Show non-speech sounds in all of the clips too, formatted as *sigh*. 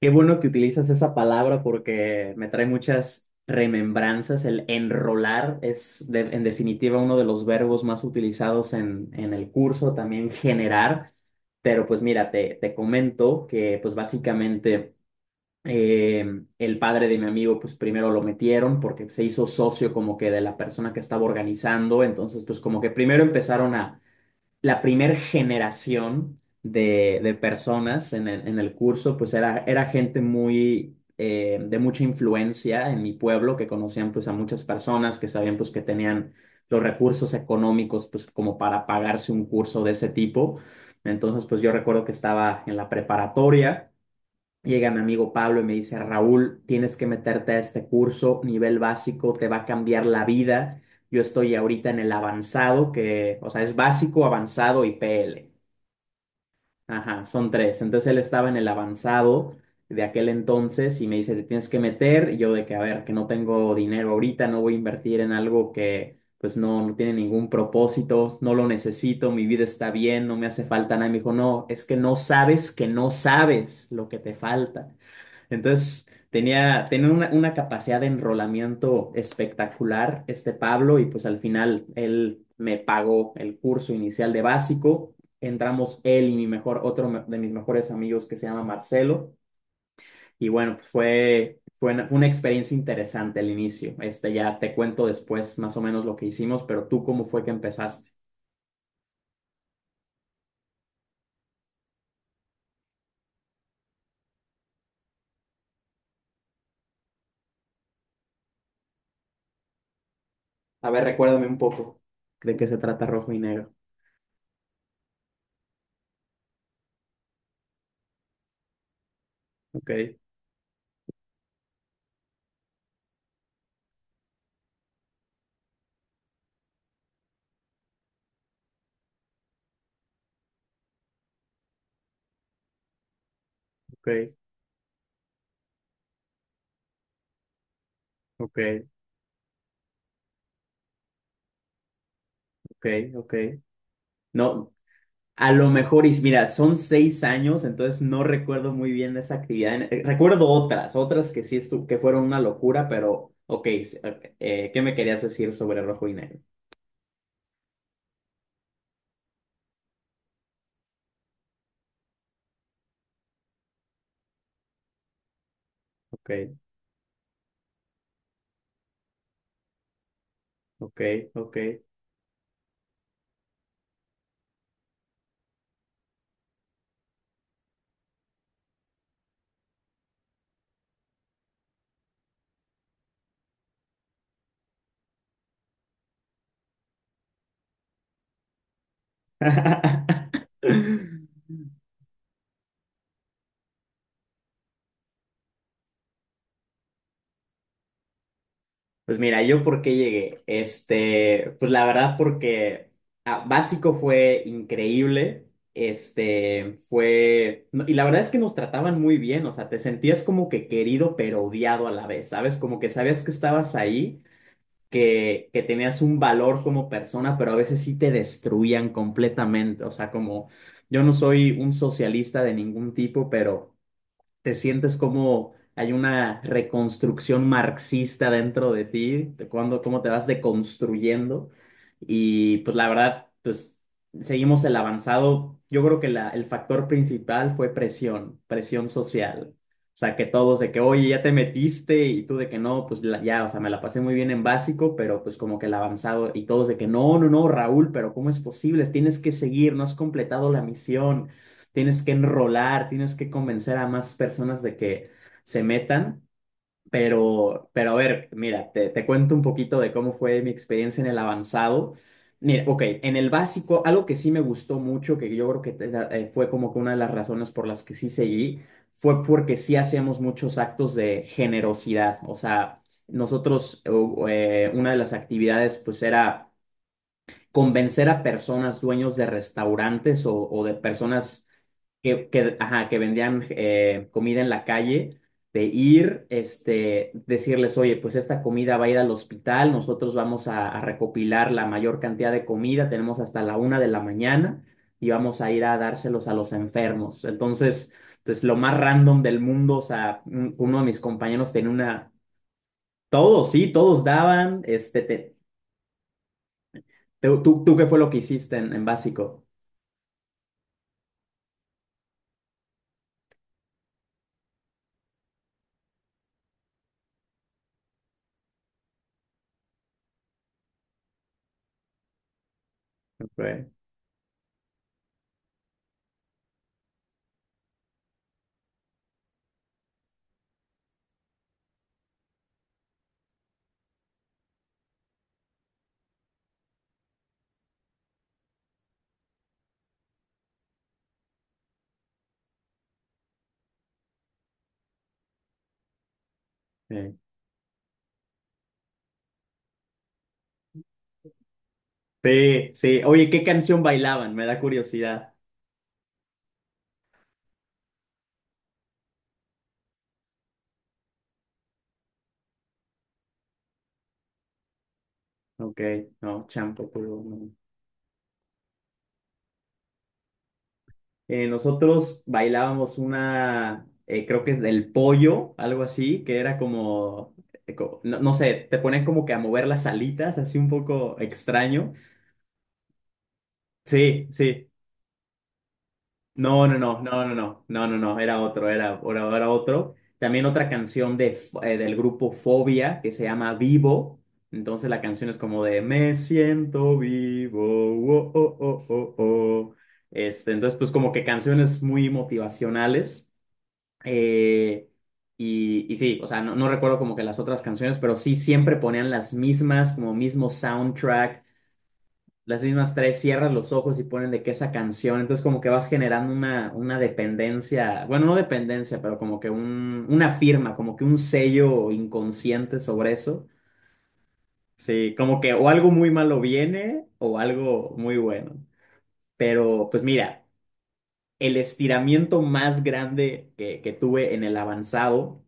Qué bueno que utilizas esa palabra porque me trae muchas remembranzas. El enrolar es, en definitiva, uno de los verbos más utilizados en el curso, también generar. Pero pues mira, te comento que pues básicamente eh, el padre de mi amigo pues primero lo metieron porque se hizo socio como que de la persona que estaba organizando. Entonces pues como que primero empezaron a la primera generación de personas en el curso, pues era, era gente muy, de mucha influencia en mi pueblo, que conocían pues a muchas personas, que sabían pues que tenían los recursos económicos pues como para pagarse un curso de ese tipo. Entonces pues yo recuerdo que estaba en la preparatoria. Llega mi amigo Pablo y me dice, Raúl, tienes que meterte a este curso, nivel básico, te va a cambiar la vida. Yo estoy ahorita en el avanzado, que, o sea, es básico, avanzado y PL. Ajá, son tres. Entonces él estaba en el avanzado de aquel entonces y me dice, te tienes que meter. Y yo de que, a ver, que no tengo dinero ahorita, no voy a invertir en algo que, pues, no, no tiene ningún propósito, no lo necesito, mi vida está bien, no me hace falta nada. Y me dijo, no, es que no sabes lo que te falta. Entonces, tenía una capacidad de enrolamiento espectacular este Pablo y pues al final él me pagó el curso inicial de básico. Entramos él y mi mejor, otro de mis mejores amigos que se llama Marcelo. Y bueno, pues fue una experiencia interesante el inicio. Este ya te cuento después más o menos lo que hicimos, pero tú cómo fue que empezaste. A ver, recuérdame un poco. ¿De qué se trata Rojo y Negro? Ok, ok, ok, ok, ok. No. A lo mejor, y mira, son 6 años, entonces no recuerdo muy bien esa actividad. Recuerdo otras que sí que fueron una locura, pero ok, ok, ¿qué me querías decir sobre rojo y negro? Ok, ok, ok. *laughs* Pues mira, yo por qué llegué. Este, pues la verdad porque ah, básico fue increíble. Este, fue, no, y la verdad es que nos trataban muy bien, o sea, te sentías como que querido pero odiado a la vez, ¿sabes? Como que sabías que estabas ahí, que tenías un valor como persona, pero a veces sí te destruían completamente, o sea, como yo no soy un socialista de ningún tipo, pero te sientes como hay una reconstrucción marxista dentro de ti, de cuando, cómo te vas deconstruyendo. Y pues la verdad, pues seguimos el avanzado. Yo creo que el factor principal fue presión, presión social. O sea, que todos de que, oye, ya te metiste y tú de que no, pues ya, o sea, me la pasé muy bien en básico, pero pues como que el avanzado y todos de que no, no, no, Raúl, pero ¿cómo es posible? Tienes que seguir, no has completado la misión. Tienes que enrolar, tienes que convencer a más personas de que se metan. Pero a ver, mira, te cuento un poquito de cómo fue mi experiencia en el avanzado. Mira, ok, en el básico, algo que sí me gustó mucho, que yo creo que fue como que una de las razones por las que sí seguí, fue porque sí hacíamos muchos actos de generosidad. O sea, nosotros, una de las actividades pues era convencer a personas dueños de restaurantes o de personas que, ajá, que vendían comida en la calle, de ir, este, decirles, oye, pues esta comida va a ir al hospital, nosotros vamos a recopilar la mayor cantidad de comida, tenemos hasta la una de la mañana y vamos a ir a dárselos a los enfermos. Entonces, pues lo más random del mundo, o sea, uno de mis compañeros tenía una, todos, sí, todos daban, este, tú ¿qué fue lo que hiciste en básico? Ok, sí. Sí, sí. Oye, ¿qué canción bailaban? Me da curiosidad. Ok, no, champo, pero no. Nosotros bailábamos una, creo que es del pollo, algo así, que era como, no, no sé, te ponen como que a mover las alitas, así un poco extraño. Sí, sí, no, no, no, no, no, no, no, no, no, era otro, era otro. También otra canción del grupo Fobia que se llama Vivo. Entonces la canción es como de "Me siento vivo, oh, oh, oh, oh, oh". Este, entonces, pues como que canciones muy motivacionales. Eh, y sí, o sea, no, no recuerdo como que las otras canciones, pero sí siempre ponían las mismas, como mismo soundtrack. Las mismas tres, cierras los ojos y ponen de que esa canción, entonces como que vas generando una dependencia, bueno, no dependencia, pero como que un, una firma, como que un sello inconsciente sobre eso. Sí, como que o algo muy malo viene o algo muy bueno. Pero pues mira, el estiramiento más grande que tuve en el avanzado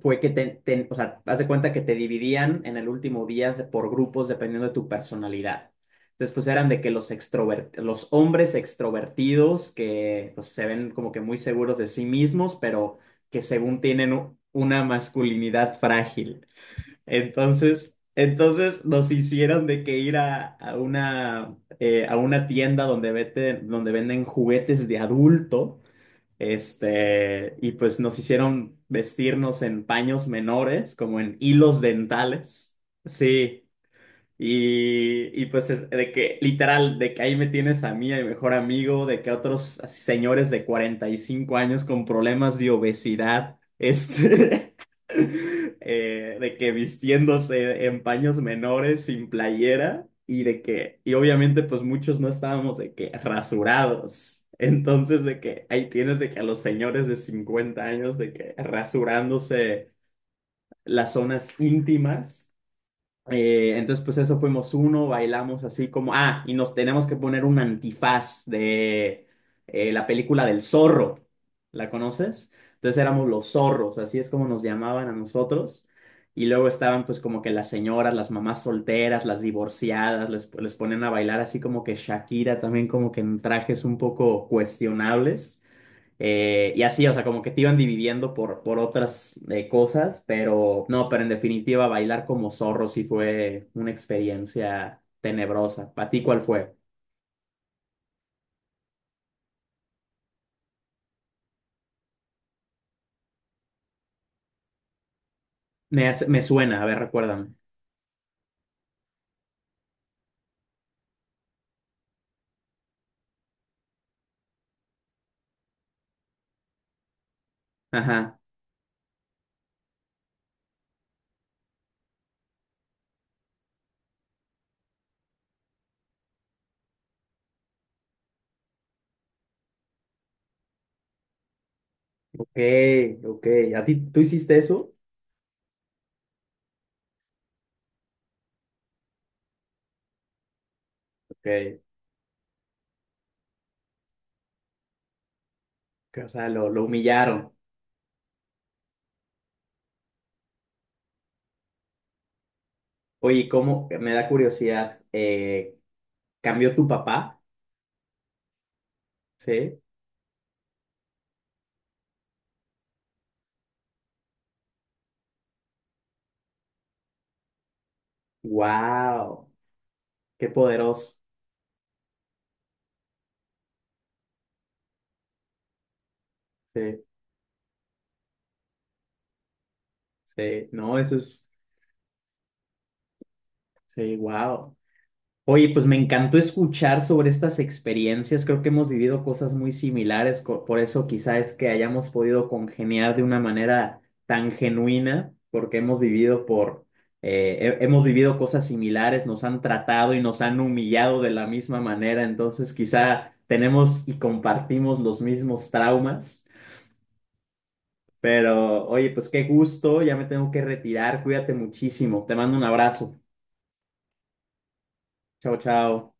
fue que o sea, haz de cuenta que te dividían en el último día por grupos dependiendo de tu personalidad. Entonces, pues eran de que los hombres extrovertidos que pues, se ven como que muy seguros de sí mismos, pero que según tienen una masculinidad frágil. Entonces nos hicieron de que ir a una tienda donde venden juguetes de adulto este, y pues nos hicieron vestirnos en paños menores, como en hilos dentales. Sí. Y pues de que literal, de que ahí me tienes a mí, a mi mejor amigo, de que otros así señores de 45 años con problemas de obesidad, *laughs* este, *laughs* de que vistiéndose en paños menores, sin playera, y de que, y obviamente pues muchos no estábamos de que rasurados. Entonces de que ahí tienes de que a los señores de 50 años de que rasurándose las zonas íntimas. Entonces, pues eso fuimos uno, bailamos así como, ah, y nos tenemos que poner un antifaz de la película del zorro, ¿la conoces? Entonces éramos los zorros, así es como nos llamaban a nosotros. Y luego estaban pues como que las señoras, las mamás solteras, las divorciadas, les ponían a bailar así como que Shakira también como que en trajes un poco cuestionables. Y así, o sea, como que te iban dividiendo por otras cosas, pero no, pero en definitiva, bailar como zorro sí fue una experiencia tenebrosa. ¿Para ti cuál fue? Me suena, a ver, recuérdame. Ajá, ok, ok. ¿A ti tú hiciste eso? Ok, o sea, lo humillaron. Oye, ¿cómo? Me da curiosidad. ¿Cambió tu papá? Sí. Wow, qué poderoso. Sí, sí. No, eso es, sí, wow. Oye, pues me encantó escuchar sobre estas experiencias. Creo que hemos vivido cosas muy similares, por eso quizá es que hayamos podido congeniar de una manera tan genuina, porque hemos vivido hemos vivido cosas similares, nos han tratado y nos han humillado de la misma manera. Entonces, quizá tenemos y compartimos los mismos traumas. Pero, oye, pues qué gusto. Ya me tengo que retirar. Cuídate muchísimo. Te mando un abrazo. Chao, chao.